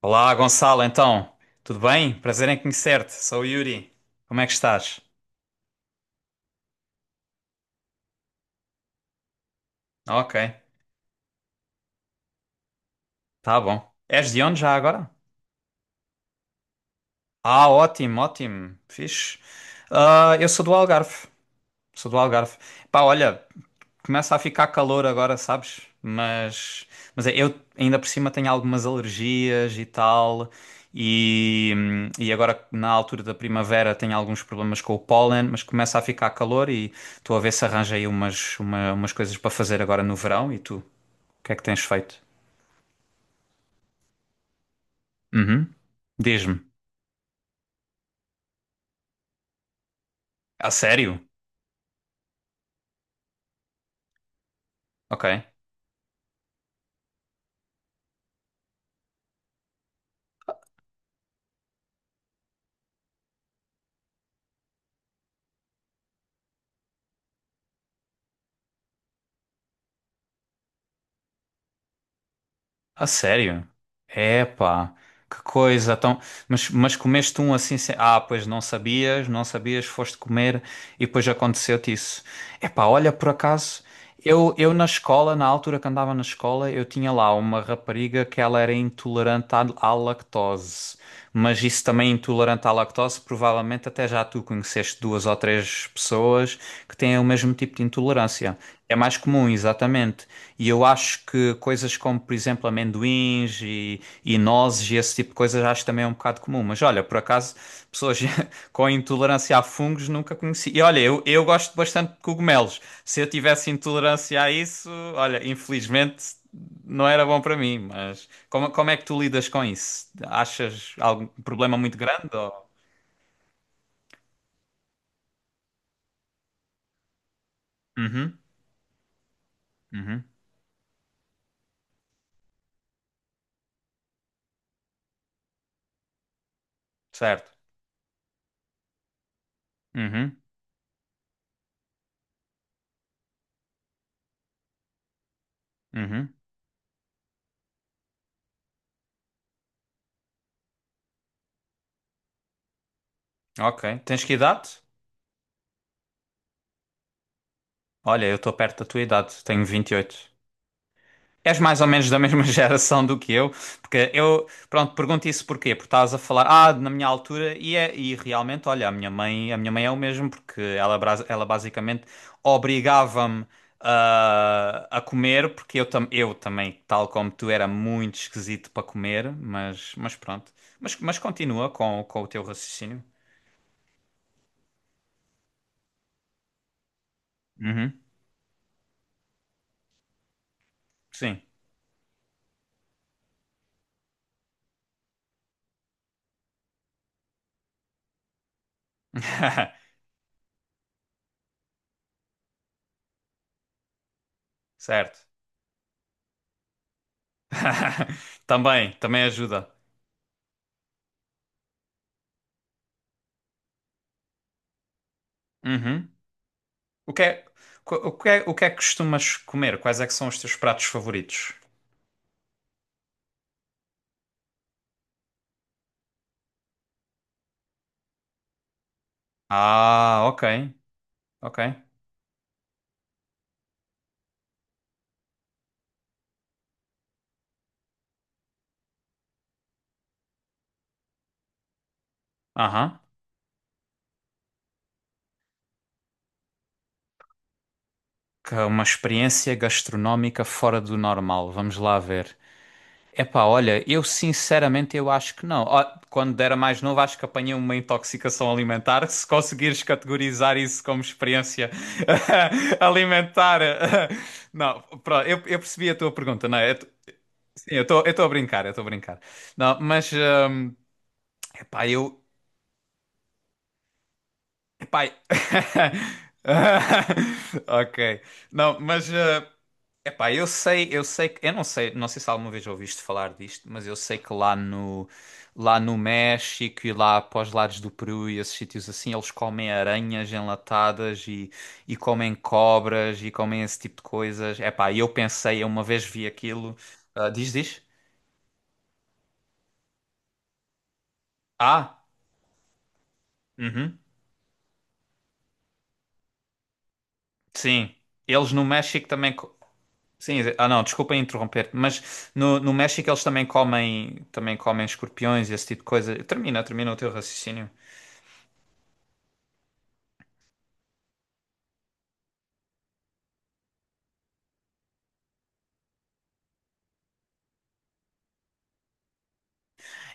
Olá, Gonçalo, então, tudo bem? Prazer em conhecer-te. Sou o Yuri. Como é que estás? Ok, tá bom. És de onde já agora? Ah, ótimo, ótimo. Fixe. Ah, eu sou do Algarve. Sou do Algarve. Pá, olha, começa a ficar calor agora, sabes? Mas é, eu ainda por cima tenho algumas alergias e tal. E agora na altura da primavera tenho alguns problemas com o pólen, mas começa a ficar calor e estou a ver se arranjo aí umas coisas para fazer agora no verão. E tu, o que é que tens feito? Uhum. Diz-me. A sério? Ok. A sério? Epá, que coisa tão. Mas comeste um assim sem... Ah, pois não sabias, não sabias, foste comer e depois aconteceu-te isso. Epá, olha, por acaso, eu na escola, na altura que andava na escola, eu tinha lá uma rapariga que ela era intolerante à lactose. Mas isso também é intolerante à lactose, provavelmente até já tu conheceste duas ou três pessoas que têm o mesmo tipo de intolerância. É mais comum, exatamente. E eu acho que coisas como, por exemplo, amendoins e nozes e esse tipo de coisas acho que também é um bocado comum. Mas olha, por acaso, pessoas com intolerância a fungos nunca conheci. E olha, eu gosto bastante de cogumelos. Se eu tivesse intolerância a isso, olha, infelizmente não era bom para mim. Mas como, é que tu lidas com isso? Achas algum problema muito grande? Ou... Uhum, uhum, certo. Uhum, uhum. Ok. Tens que idade? Olha, eu estou perto da tua idade, tenho 28. És mais ou menos da mesma geração do que eu, porque eu, pronto, pergunto isso porquê? Porque estás a falar, ah, na minha altura, e realmente, olha, a minha mãe é o mesmo, porque ela, ela basicamente obrigava-me, a comer, porque eu também, tal como tu, era muito esquisito para comer, mas pronto. Mas continua com o teu raciocínio. Uhum. Sim. Certo. Também ajuda. Uhum. O que é, o que é que costumas comer? Quais é que são os teus pratos favoritos? Ah, ok, ok. Aham. Que é uma experiência gastronómica fora do normal. Vamos lá ver. Epá, olha, eu sinceramente eu acho que não. Ó, quando era mais novo, acho que apanhei uma intoxicação alimentar. Se conseguires categorizar isso como experiência alimentar. Não, pronto, eu percebi a tua pergunta, não é? Sim, eu estou a brincar, eu estou a brincar. Não, mas, epá, pai. Ok. Não, mas, epá, eu sei que eu não sei se alguma vez ouviste falar disto, mas eu sei que lá no México e lá para os lados do Peru e esses sítios assim, eles comem aranhas enlatadas e comem cobras e comem esse tipo de coisas. Epá, e eu pensei, eu uma vez vi aquilo. Ah, diz, diz? Ah, uhum, sim. Eles no México também. Sim, não, desculpa interromper, mas no México eles também comem escorpiões e esse tipo de coisa. Termina, termina o teu raciocínio.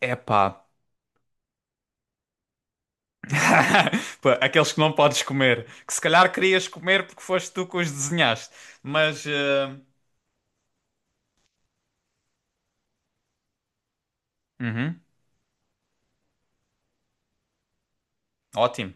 Epá. Pô, aqueles que não podes comer, que se calhar querias comer porque foste tu que os desenhaste, mas, uhum, ótimo.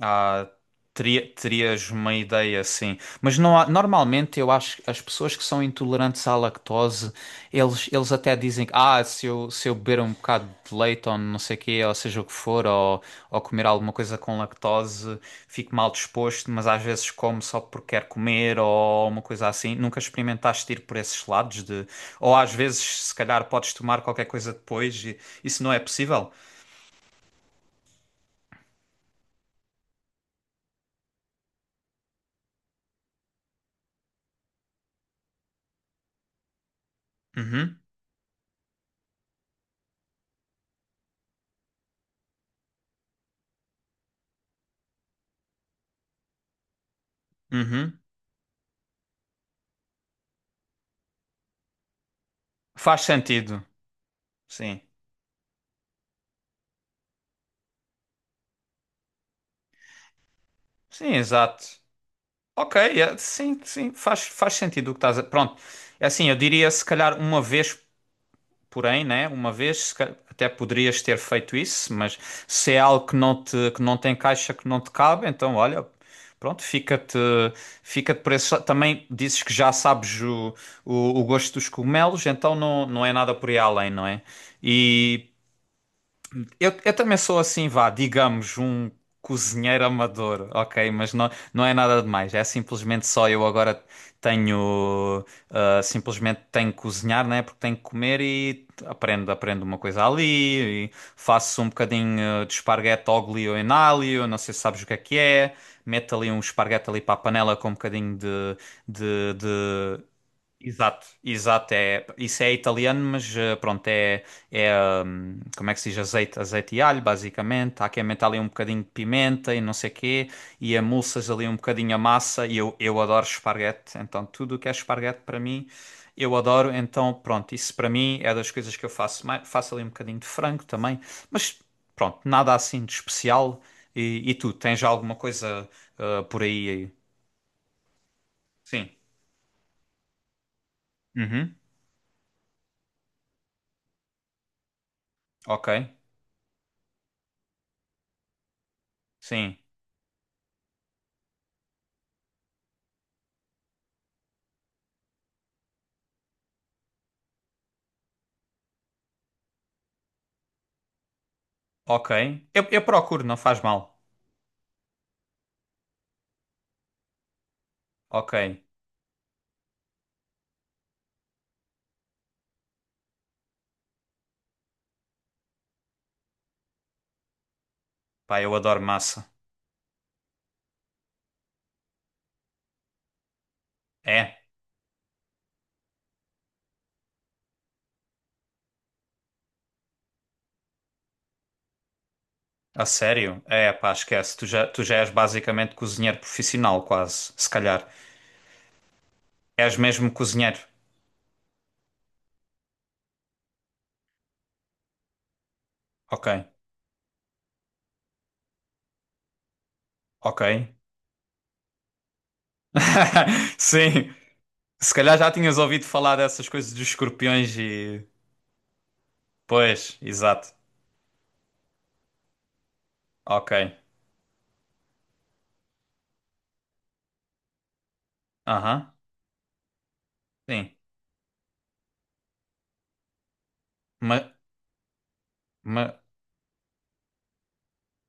Ah, terias uma ideia, sim. Mas não há- normalmente eu acho que as pessoas que são intolerantes à lactose, eles até dizem que, se eu beber um bocado de leite ou não sei o quê, ou seja o que for, ou comer alguma coisa com lactose, fico mal disposto, mas às vezes como só porque quero comer ou uma coisa assim. Nunca experimentaste ir por esses lados de... Ou às vezes, se calhar, podes tomar qualquer coisa depois e isso não é possível. Uhum, uhum. Faz sentido, sim. Sim, exato. Ok, sim, sim, faz sentido o que estás a... Pronto, é assim, eu diria se calhar uma vez, porém, né? Uma vez, se calhar, até poderias ter feito isso, mas se é algo que não te, que não tem caixa, que não te cabe, então olha, pronto, fica-te, fica-te por esse... Também dizes que já sabes o gosto dos cogumelos, então não, não é nada por aí além, não é? E eu também sou assim, vá, digamos, um cozinheiro amador, ok? Mas não, não é nada demais. É simplesmente só eu agora tenho. Simplesmente tenho que cozinhar, né? Porque tenho que comer e aprendo uma coisa ali. E faço um bocadinho, de esparguete ao ou em alho, não sei se sabes o que é que é. Meto ali um esparguete ali para a panela com um bocadinho de... Exato, exato. É, isso é italiano, mas, pronto, é como é que se diz? Azeite, azeite e alho, basicamente. Há quem meta ali um bocadinho de pimenta e não sei quê, e amulsas ali um bocadinho a massa. E eu adoro esparguete, então tudo o que é esparguete para mim, eu adoro. Então pronto, isso para mim é das coisas que eu faço. Faço ali um bocadinho de frango também, mas pronto, nada assim de especial. E tu, tens já alguma coisa, por aí? Sim. Uhum. Ok, sim. Ok. Eu procuro, não faz mal. Ok. Pá, eu adoro massa. É? A sério? É, pá, esquece. Tu já és basicamente cozinheiro profissional, quase. Se calhar. És mesmo cozinheiro. Ok. Ok. Sim. Se calhar já tinhas ouvido falar dessas coisas dos escorpiões e. Pois, exato. Ok. Aham. Sim. Mas.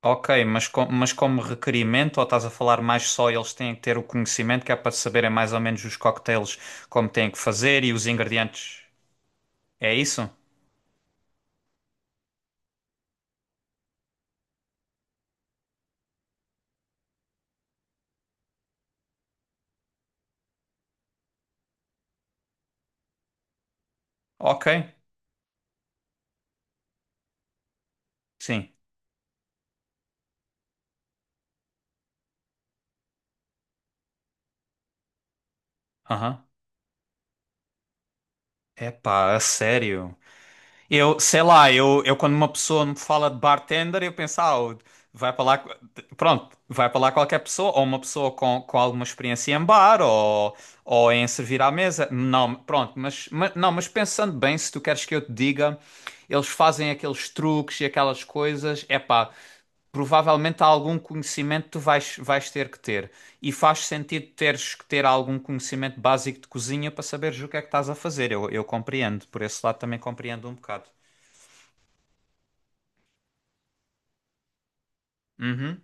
Ok, mas como requerimento, ou estás a falar mais só eles têm que ter o conhecimento que é para saberem mais ou menos os cocktails como têm que fazer e os ingredientes? É isso? Ok, sim. Aham. Epá, a sério? Eu, sei lá, eu quando uma pessoa me fala de bartender, eu penso, vai para lá, pronto, vai para lá qualquer pessoa, ou uma pessoa com alguma experiência em bar, ou em servir à mesa. Não, pronto, não, pensando bem, se tu queres que eu te diga, eles fazem aqueles truques e aquelas coisas, é pá, provavelmente há algum conhecimento que tu vais ter que ter. E faz sentido teres que ter algum conhecimento básico de cozinha para saberes o que é que estás a fazer. Eu compreendo, por esse lado também compreendo um bocado. Uhum.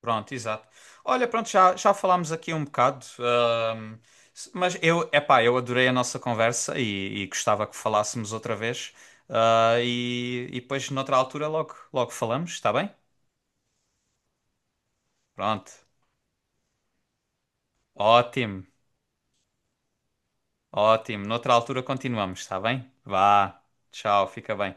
Pronto, exato. Olha, pronto, já falámos aqui um bocado, mas eu adorei a nossa conversa e gostava que falássemos outra vez. Ah, e depois, noutra altura, logo, logo falamos, está bem? Pronto, ótimo, ótimo. Noutra altura continuamos, está bem? Vá, tchau, fica bem.